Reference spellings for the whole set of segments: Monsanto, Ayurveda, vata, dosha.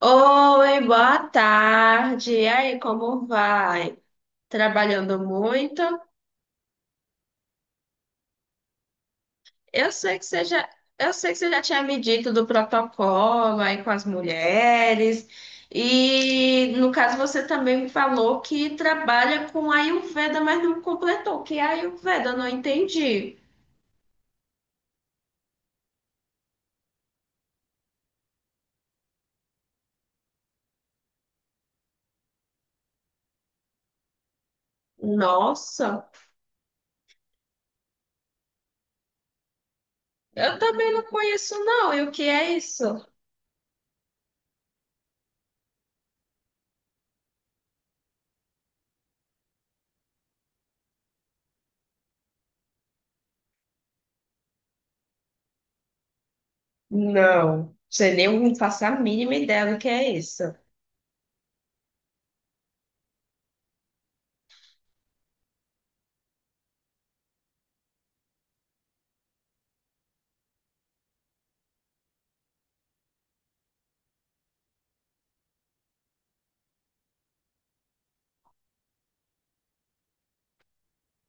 Oi, boa tarde. E aí, como vai? Trabalhando muito? Eu sei que você já, eu sei que você já tinha me dito do protocolo aí com as mulheres. E no caso você também me falou que trabalha com Ayurveda, mas não completou. Que é Ayurveda? Eu não entendi. Nossa, eu também não conheço não. E o que é isso? Não, você nem faço a mínima ideia do que é isso.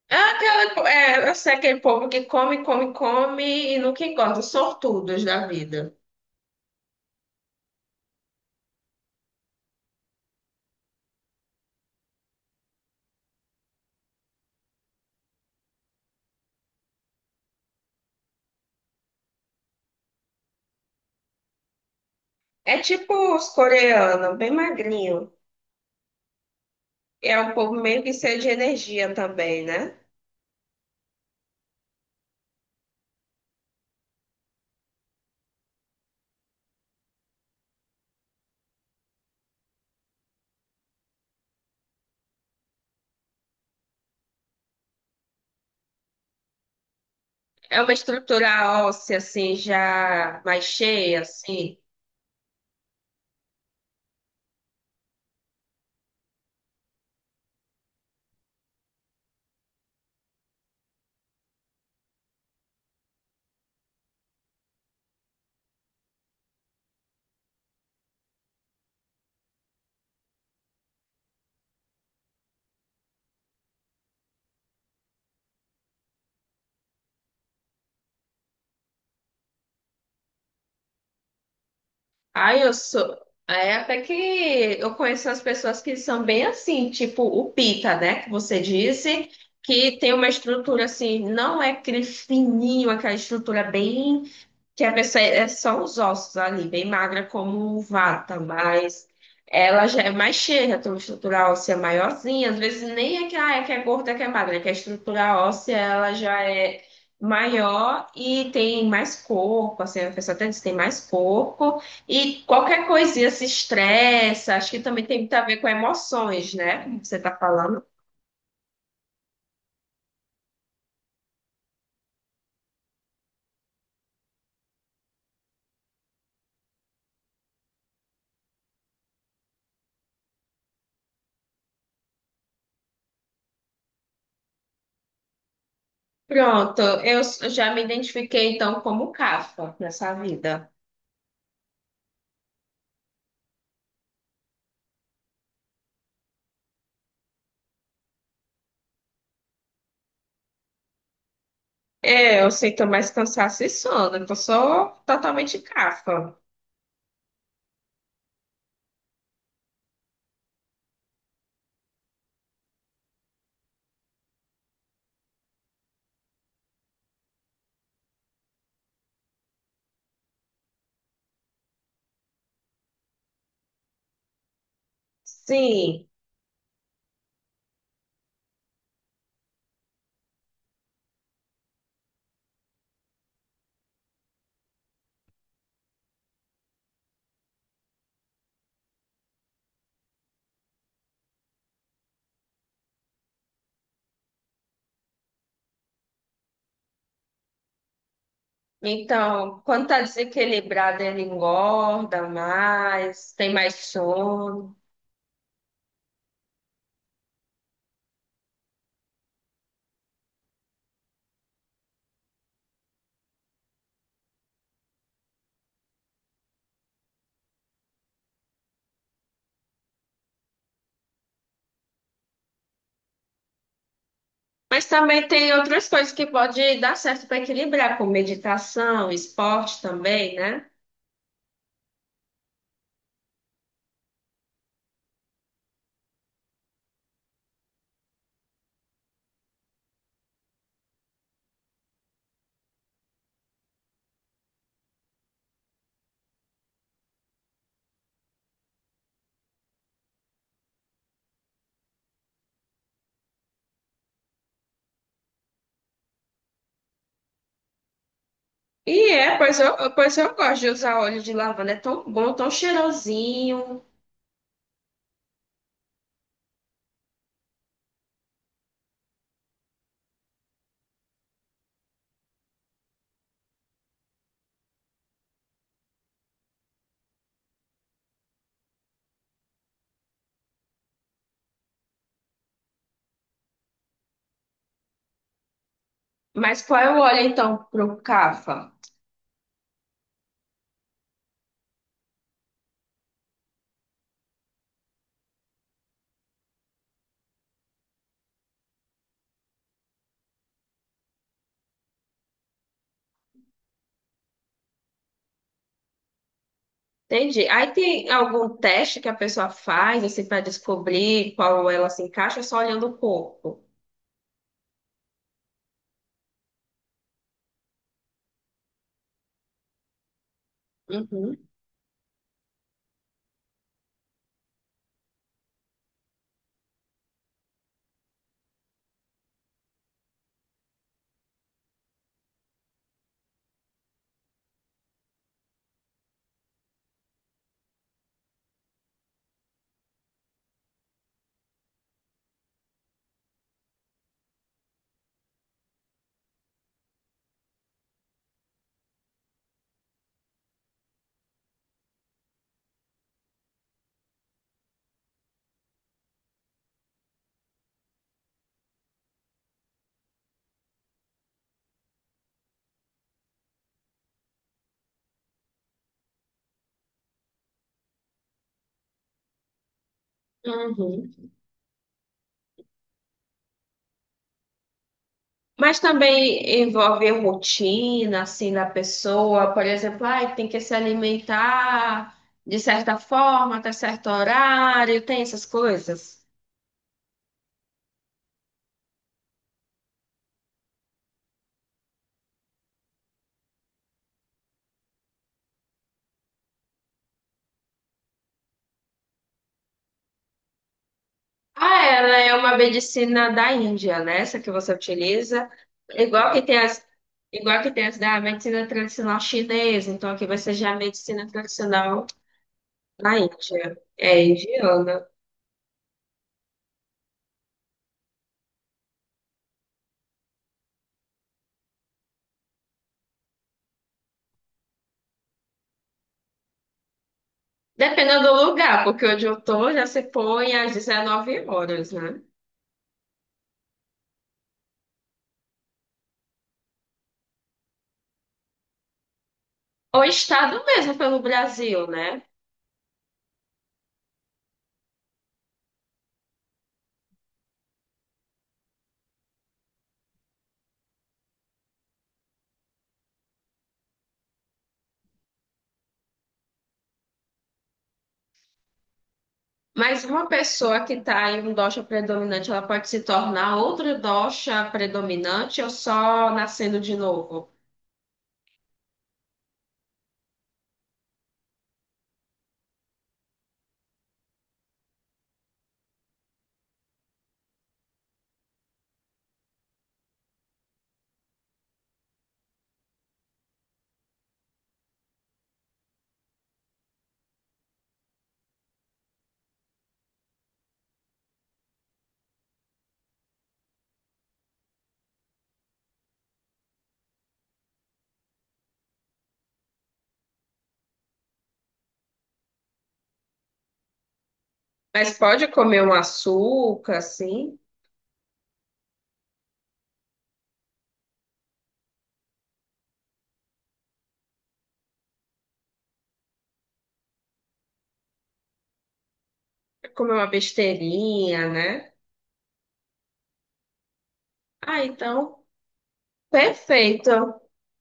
Eu sei aquele povo que come, come, come e nunca engorda, os sortudos da vida. É tipo os coreanos, bem magrinho. É um povo meio que cheio de energia também, né? É uma estrutura óssea, assim, já mais cheia, assim. Ai, eu sou. É até que eu conheço as pessoas que são bem assim, tipo o Pita, né? Que você disse, que tem uma estrutura assim, não é aquele fininho, aquela estrutura bem que a pessoa é só os ossos ali, bem magra como vata, mas ela já é mais cheia, tem uma estrutura óssea maiorzinha, às vezes nem é que, ah, é que é gorda, é que é magra, é que a estrutura óssea ela já é maior e tem mais corpo, assim, a pessoa até diz que tem mais corpo, e qualquer coisinha se estressa, acho que também tem muito a ver com emoções, né, como você tá falando. Pronto, eu já me identifiquei então como Cafa nessa vida. É, eu sinto mais cansaço e sono, então sou totalmente cafa. Sim, então, quando tá desequilibrado, ele engorda mais, tem mais sono. Mas também tem outras coisas que pode dar certo para equilibrar, como meditação, esporte também, né? Pois pois eu gosto de usar óleo de lavanda, é tão bom, tão cheirosinho. Mas qual é o óleo então pro cafa? Entendi. Aí tem algum teste que a pessoa faz, assim, para descobrir qual ela se encaixa, só olhando o corpo. Uhum, uhum. Mas também envolve rotina, assim, da pessoa, por exemplo, ai, tem que se alimentar de certa forma, até certo horário, tem essas coisas. Ah, ela é uma medicina da Índia, né? Essa que você utiliza. Igual que tem as, igual que tem as da medicina tradicional chinesa, então aqui vai ser já a medicina tradicional. Na Índia. É indiana. Dependendo do lugar, porque onde eu tô já se põe às 19 horas, né? Ou estado mesmo pelo Brasil, né? Mas uma pessoa que está em um dosha predominante, ela pode se tornar outro dosha predominante ou só nascendo de novo? Mas pode comer um açúcar, assim, comer uma besteirinha, né? Ah, então, perfeito.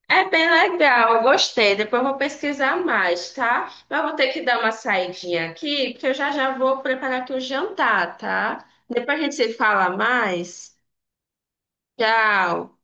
É bem legal, eu gostei. Depois eu vou pesquisar mais, tá? Mas eu vou ter que dar uma saidinha aqui, porque eu já vou preparar aqui o jantar, tá? Depois a gente se fala mais. Tchau.